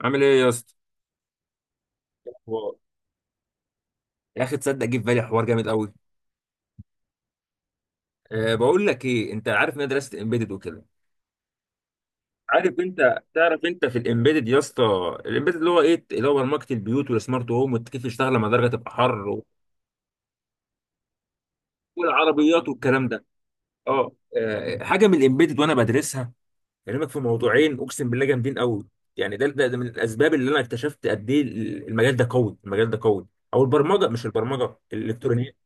عامل ايه يا اسطى؟ هو- يا اخي تصدق جه في بالي حوار جامد قوي. بقول لك ايه، انت عارف ان انا درست امبيدد وكده. عارف انت تعرف انت في الامبيدد يا اسطى؟ الامبيدد اللي هو ايه، اللي هو برمجه البيوت والسمارت هوم، وكيف تشتغل لما الدرجه تبقى حر والعربيات والكلام ده. حاجه من الامبيدد وانا بدرسها. كلامك في موضوعين اقسم بالله جامدين قوي. يعني ده من الاسباب اللي انا اكتشفت قد ايه المجال ده قوي، المجال ده قوي. او البرمجه، مش البرمجه، الالكترونيات.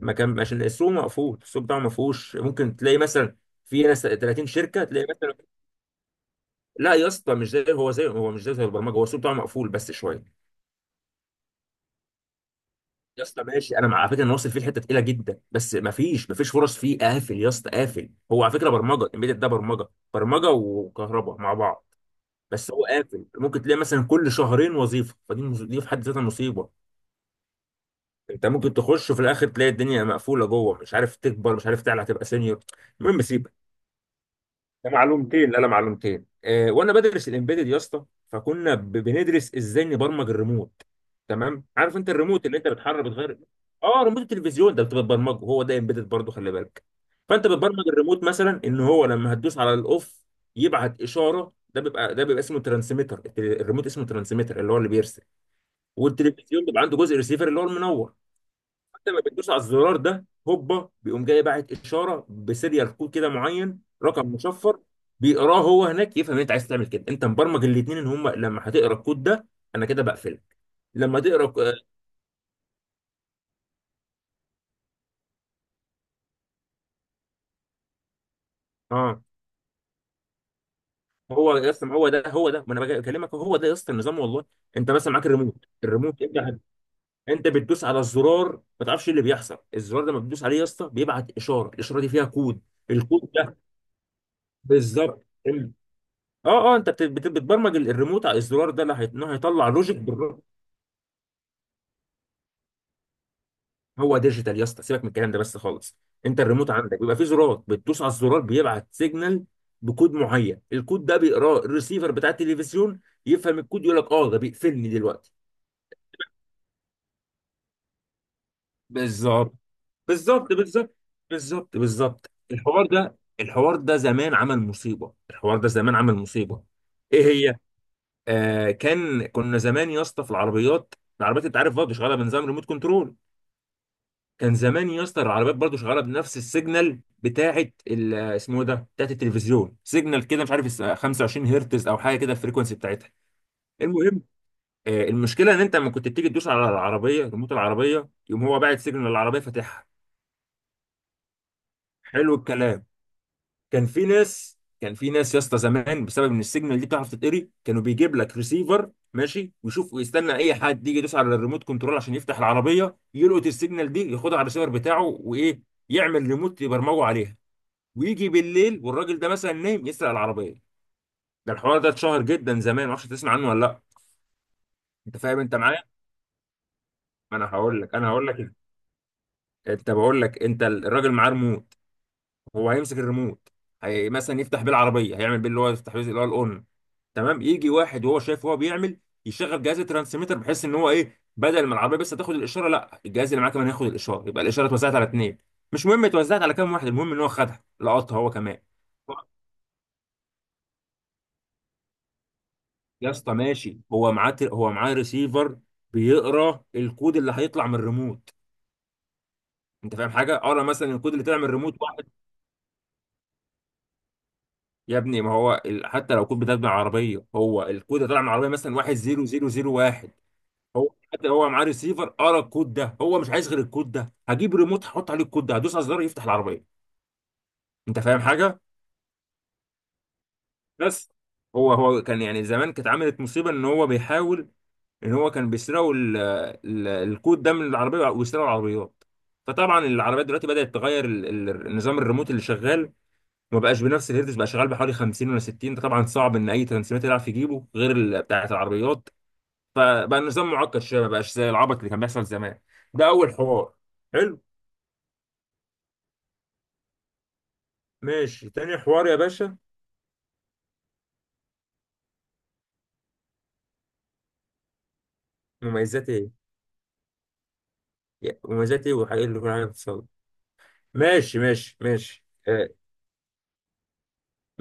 ما كان عشان السوق مقفول، السوق بتاعه ما فيهوش. ممكن تلاقي مثلا في ناس 30 شركه، تلاقي مثلا. لا يا اسطى، مش زي هو زي هو مش زي البرمجه. هو السوق بتاعه مقفول بس شويه. يا اسطى ماشي، انا مع على فكره انا واصل فيه لحته تقيله جدا، بس ما فيش فرص، فيه قافل يا اسطى، قافل. هو على فكره برمجه embedded ده برمجه، برمجه وكهرباء مع بعض. بس هو قافل، ممكن تلاقي مثلا كل شهرين وظيفه، دي في حد ذاتها مصيبه. انت ممكن تخش وفي الاخر تلاقي الدنيا مقفوله جوه، مش عارف تكبر، مش عارف تعلى، هتبقى سينيور. المهم سيب. ده معلومتين، لا لا، معلومتين. وانا بدرس الامبيدد يا اسطى، فكنا بندرس ازاي نبرمج الريموت. تمام، عارف انت الريموت اللي انت بتحرك بتغير؟ اه، ريموت التلفزيون ده بتبرمجه، هو ده امبيدد برضه، خلي بالك. فانت بتبرمج الريموت مثلا ان هو لما هتدوس على الاوف يبعت اشاره. ده بيبقى اسمه ترانسميتر، الريموت اسمه ترانسميتر اللي هو اللي بيرسل. والتلفزيون بيبقى عنده جزء ريسيفر اللي هو المنور. لما بتدوس على الزرار ده، هوبا، بيقوم جاي باعت اشاره بسيريال كود كده معين، رقم مشفر. بيقراه هو هناك، يفهم ان انت عايز تعمل كده. انت مبرمج الاثنين ان هم لما هتقرا الكود ده. انا كده بقفلك. لما تقرا ك- اه، هو يا اسطى ما هو ده، ما انا بكلمك، هو ده يا اسطى النظام والله. انت مثلا معاك الريموت، الريموت انت. انت بتدوس على الزرار ما تعرفش إيه اللي بيحصل. الزرار ده لما بتدوس عليه يا اسطى بيبعت اشاره، الاشاره دي فيها كود. الكود ده، بالظبط. اه اه، انت بتبرمج الريموت على الزرار ده اللي إنه هيطلع لوجيك بالربط. هو ديجيتال يا اسطى، سيبك من الكلام ده بس خالص. انت الريموت عندك بيبقى فيه زرار، بتدوس على الزرار بيبعت سيجنال بكود معين. الكود ده بيقراه الريسيفر بتاع التلفزيون، يفهم الكود، يقول لك اه ده بيقفلني دلوقتي. بالظبط، بالظبط، بالظبط، بالظبط، بالظبط. الحوار ده، الحوار ده زمان عمل مصيبه، الحوار ده زمان عمل مصيبه. ايه هي؟ آه، كنا زمان يا اسطى في العربيات. العربيات انت عارف برضه شغاله بنظام ريموت كنترول. كان زمان يا اسطى العربيات برضه شغاله بنفس السيجنال بتاعه اسمه ده بتاعه التلفزيون، سيجنال كده مش عارف 25 هرتز او حاجه كده الفريكونسي بتاعتها. المهم، المشكله ان انت لما كنت بتيجي تدوس على العربيه ريموت العربيه، يقوم هو باعت سيجنال، العربيه فاتحها. حلو الكلام. كان في ناس يا اسطى زمان بسبب ان السيجنال دي بتعرف تتقري، كانوا بيجيب لك ريسيفر ماشي ويشوف ويستنى اي حد يجي يدوس على الريموت كنترول عشان يفتح العربيه، يلقط السيجنال دي، ياخدها على الريسيفر بتاعه، وايه، يعمل ريموت يبرمجه عليها، ويجي بالليل والراجل ده مثلا نايم يسرق العربيه. ده الحوار ده اتشهر جدا زمان، معرفش تسمع عنه ولا لا. انت فاهم، انت معايا؟ ما انا هقول لك إيه. انت بقول لك انت الراجل معاه ريموت، هو هيمسك الريموت، هي مثلا يفتح بيه العربيه، هيعمل بيه اللي هو يفتح بيه اللي هو الاون. تمام. يجي واحد وهو شايف وهو بيعمل، يشغل جهاز الترانسميتر بحيث ان هو ايه، بدل ما العربيه بس تاخد الاشاره، لا، الجهاز اللي معاه كمان ياخد الاشاره، يبقى الاشاره اتوزعت على اتنين. مش مهم اتوزعت على كام واحد، المهم ان هو خدها، لقطها هو كمان. يا اسطى ماشي، هو معاه ريسيفر، بيقرا الكود اللي هيطلع من الريموت. انت فاهم حاجه؟ اقرا مثلا الكود اللي طلع من الريموت واحد. يا ابني، ما هو ال... حتى لو الكود بتاعك من العربيه، هو الكود اللي طلع من العربيه مثلا 10001، هو حتى هو معاه ريسيفر قرا الكود ده، هو مش عايز غير الكود ده، هجيب ريموت هحط عليه الكود ده هدوس على الزرار يفتح العربيه. انت فاهم حاجه؟ بس. هو كان يعني زمان كانت عملت مصيبه ان هو بيحاول، ان هو كان بيسرقوا الكود ده من العربيه ويسرقوا العربيات. فطبعا العربيات دلوقتي بدات تغير النظام الريموت اللي شغال، ما بقاش بنفس الهيرتز، بقى شغال بحوالي 50 ولا 60. ده طبعا صعب ان اي ترانسميتر يعرف يجيبه غير بتاعه العربيات. فبقى النظام معقد شويه، ما بقاش زي العبط اللي كان بيحصل زمان. ده اول حوار. حلو. ماشي، تاني حوار يا باشا. مميزات ايه؟ مميزات ايه وحاجات اللي كل حاجه بتتصور. ماشي، ماشي، ماشي.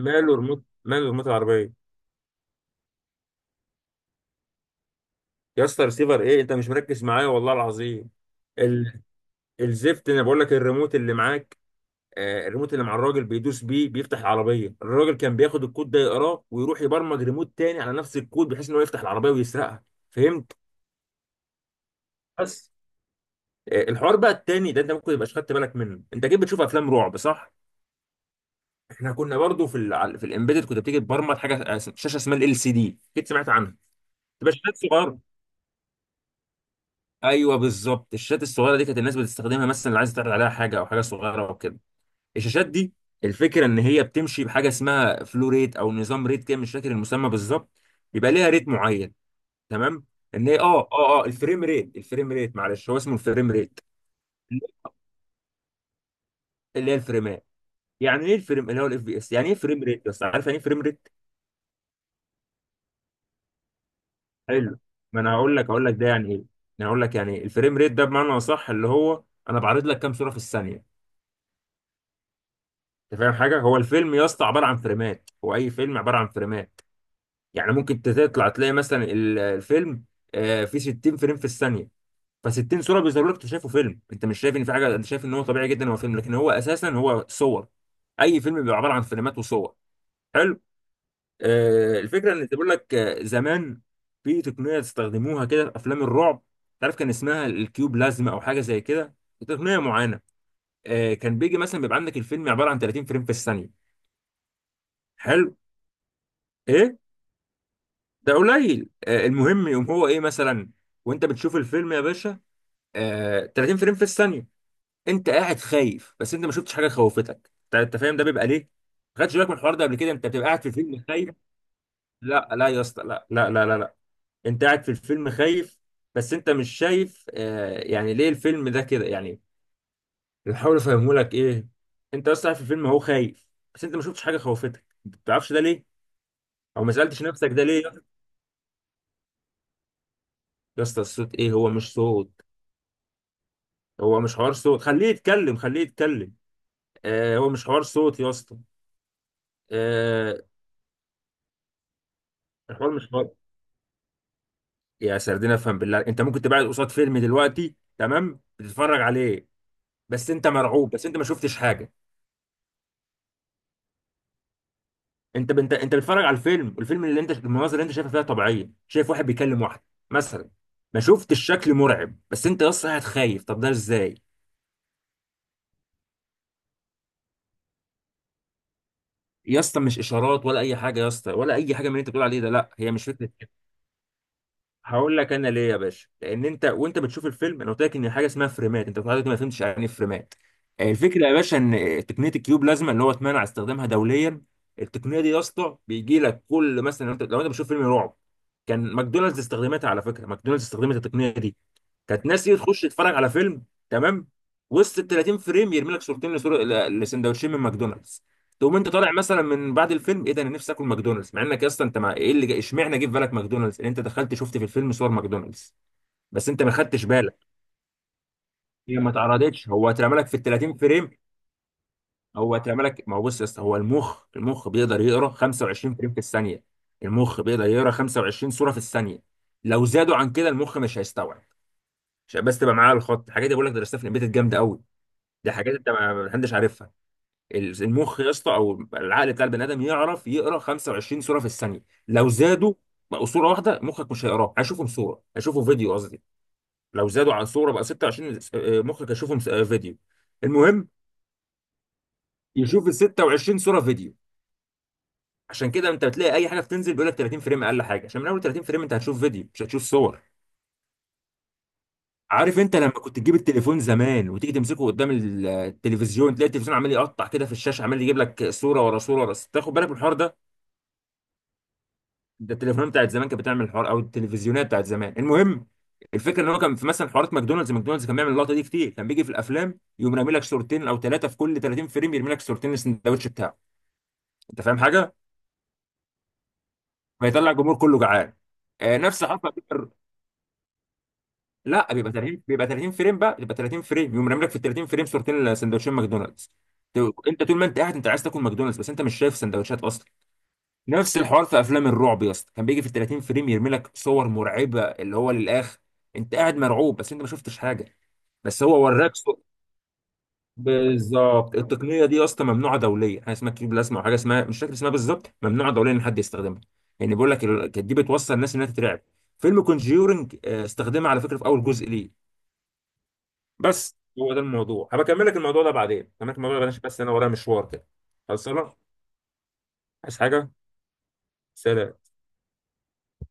ماله ريموت، ماله ريموت العربيه. يا اسطى ريسيفر ايه، انت مش مركز معايا والله العظيم. ال... الزفت، انا بقول لك الريموت اللي معاك. آه، الريموت اللي مع الراجل بيدوس بيه بيفتح العربيه، الراجل كان بياخد الكود ده يقراه ويروح يبرمج ريموت تاني على نفس الكود بحيث ان هو يفتح العربيه ويسرقها. فهمت؟ بس. آه، الحوار بقى التاني ده انت ممكن تبقاش خدت بالك منه. انت اكيد بتشوف افلام رعب، صح؟ احنا كنا برضو في الامبيدد كنت بتيجي تبرمج حاجه، شاشه اسمها LCD، اكيد سمعت عنها. تبقى شاشات صغيره. ايوه، بالظبط، الشاشات الصغيره دي كانت الناس بتستخدمها مثلا اللي عايز تعرض عليها حاجه او حاجه صغيره وكده. الشاشات دي، الفكره ان هي بتمشي بحاجه اسمها فلو ريت او نظام ريت كده، مش فاكر المسمى بالظبط. بيبقى ليها ريت معين. تمام. ان هي الفريم ريت، الفريم ريت، معلش، هو اسمه الفريم ريت. اللي هي الفريمات. يعني ايه الفريم اللي هو الFPS، يعني ايه فريم ريت؟ بس عارف يعني ايه فريم ريت؟ حلو، ما انا هقول لك ده يعني ايه. انا هقول لك يعني إيه. الفريم ريت ده بمعنى اصح اللي هو، انا بعرض لك كام صوره في الثانيه. انت فاهم حاجه؟ هو الفيلم يا اسطى عباره عن فريمات، هو اي فيلم عباره عن فريمات. يعني ممكن تطلع تلاقي مثلا الفيلم فيه 60 فريم في الثانيه. ف 60 صوره بيظهروا لك، انت شايفه فيلم، انت مش شايف ان في حاجه، انت شايف ان هو طبيعي جدا، هو فيلم، لكن هو اساسا هو صور. اي فيلم بيبقى عباره عن فريمات وصور. حلو. الفكره ان بيقول لك زمان في تقنيه استخدموها كده في افلام الرعب. تعرف كان اسمها الكيوب لازمه، او حاجه زي كده، تقنيه معينه. كان بيجي مثلا بيبقى عندك الفيلم عباره عن 30 فريم في الثانيه. حلو، ايه، ده قليل. المهم، يقوم هو ايه مثلا، وانت بتشوف الفيلم يا باشا 30 فريم في الثانيه، انت قاعد خايف بس انت ما شفتش حاجه خوفتك. أنت فاهم ده بيبقى ليه؟ ما خدتش بالك من الحوار ده قبل كده. انت بتبقى قاعد في الفيلم خايف. لا لا يا اسطى، لا، لا، لا، لا، لا. انت قاعد في الفيلم خايف، بس انت مش شايف يعني ليه الفيلم ده كده يعني؟ بحاول افهمه لك ايه. انت اصلا قاعد في الفيلم، هو خايف، بس انت ما شفتش حاجه خوفتك، ما بتعرفش ده ليه، او ما سالتش نفسك ده ليه. يا اسطى الصوت ايه، هو مش صوت، هو مش حوار صوت، خليه يتكلم، خليه يتكلم. آه، هو مش حوار صوت يا اسطى. آه. الحوار مش حوار، يا سردين افهم بالله. انت ممكن تبعد قصاد فيلم دلوقتي، تمام، بتتفرج عليه، بس انت مرعوب، بس انت ما شفتش حاجه. انت بتتفرج على الفيلم، والفيلم اللي انت المناظر اللي انت شايفها فيها طبيعيه، شايف واحد بيكلم واحد مثلا، ما شفتش شكل مرعب، بس انت يا اسطى قاعد خايف، طب ده ازاي؟ يا اسطى مش اشارات ولا اي حاجه، يا اسطى ولا اي حاجه من اللي انت بتقول عليه ده، لا، هي مش فكره. هقول لك انا ليه يا باشا، لان انت وانت بتشوف الفيلم، انا قلت لك ان حاجه اسمها فريمات، انت لحضرتك ما فهمتش يعني ايه فريمات. الفكره يا باشا ان تقنيه الكيوب لازمه اللي هو اتمنع استخدامها دوليا. التقنيه دي يا اسطى بيجي لك كل مثلا، لو انت بتشوف فيلم رعب، كان ماكدونالدز استخدمتها، على فكره، ماكدونالدز استخدمت التقنيه دي. كانت ناس تيجي تخش تتفرج على فيلم. تمام. وسط ال 30 فريم يرمي لك صورتين لسندوتشين من ماكدونالدز. تقوم انت طالع مثلا من بعد الفيلم، ايه ده، انا نفسي اكل ماكدونالدز، مع انك اصلا انت مع ايه اللي اشمعنى جه في بالك ماكدونالدز؟ ان انت دخلت شفت في الفيلم صور ماكدونالدز، بس انت ما خدتش بالك. هي ما اتعرضتش، هو اترمى لك في ال 30 فريم، هو اترمى لك. ما هو بص يا اسطى، هو المخ، بيقدر يقرا 25 فريم في الثانيه. المخ بيقدر يقرا 25 صوره في الثانيه. لو زادوا عن كده المخ مش هيستوعب. عشان بس تبقى معاه الخط، الحاجات دي بقول لك درستها في البيت الجامده قوي، دي حاجات انت ما حدش عارفها. المخ يا اسطى، او العقل بتاع البني ادم، يعرف يقرا 25 صوره في الثانيه. لو زادوا بقوا صوره واحده، مخك مش هيقراها، هيشوفهم صوره، هيشوفوا فيديو قصدي. لو زادوا عن صوره بقى 26، مخك هيشوفهم فيديو. المهم يشوف ال 26 صوره فيديو. عشان كده انت بتلاقي اي حاجه بتنزل بيقول لك 30 فريم اقل حاجه، عشان من اول 30 فريم انت هتشوف فيديو، مش هتشوف صور. عارف انت لما كنت تجيب التليفون زمان وتيجي تمسكه قدام التلفزيون، تلاقي التلفزيون عمال يقطع كده في الشاشه، عمال يجيب لك صوره ورا صوره ورا، تاخد بالك من الحوار ده؟ ده التليفونات بتاعت زمان كانت بتعمل الحوار، او التلفزيونات بتاعت زمان. المهم، الفكره ان هو كان في مثلا حوارات ماكدونالدز، ماكدونالدز كان بيعمل اللقطه دي كتير، كان بيجي في الافلام يقوم رامي لك صورتين او ثلاثه، في كل 30 فريم يرمي لك صورتين السندوتش بتاعه. انت فاهم حاجه؟ فيطلع الجمهور كله جعان، آه، نفس حرفه بيبقى. لا، بيبقى 30، بيبقى 30 فريم بقى، بيبقى 30 فريم يقوم رامي لك في ال 30 فريم صورتين سندوتشين ماكدونالدز. انت طول ما انت قاعد انت عايز تاكل ماكدونالدز، بس انت مش شايف سندوتشات اصلا. نفس الحوار في افلام الرعب يا اسطى، كان بيجي في ال 30 فريم يرمي لك صور مرعبه اللي هو للاخ، انت قاعد مرعوب بس انت ما شفتش حاجه، بس هو وراك صور. بالظبط، التقنيه دي يا اسطى ممنوعه دوليا، حاجه اسمها كيو بلازما وحاجه اسمها مش فاكر اسمها بالظبط، ممنوعه دوليا ان حد يستخدمها. يعني بيقول لك كانت دي بتوصل الناس انها تترعب. فيلم كونجيورنج استخدمها، على فكره، في اول جزء ليه. بس هو ده الموضوع، هبكمل لك الموضوع ده بعدين عشان بس انا ورايا مشوار كده. خلصانه. عايز حاجه؟ سلام.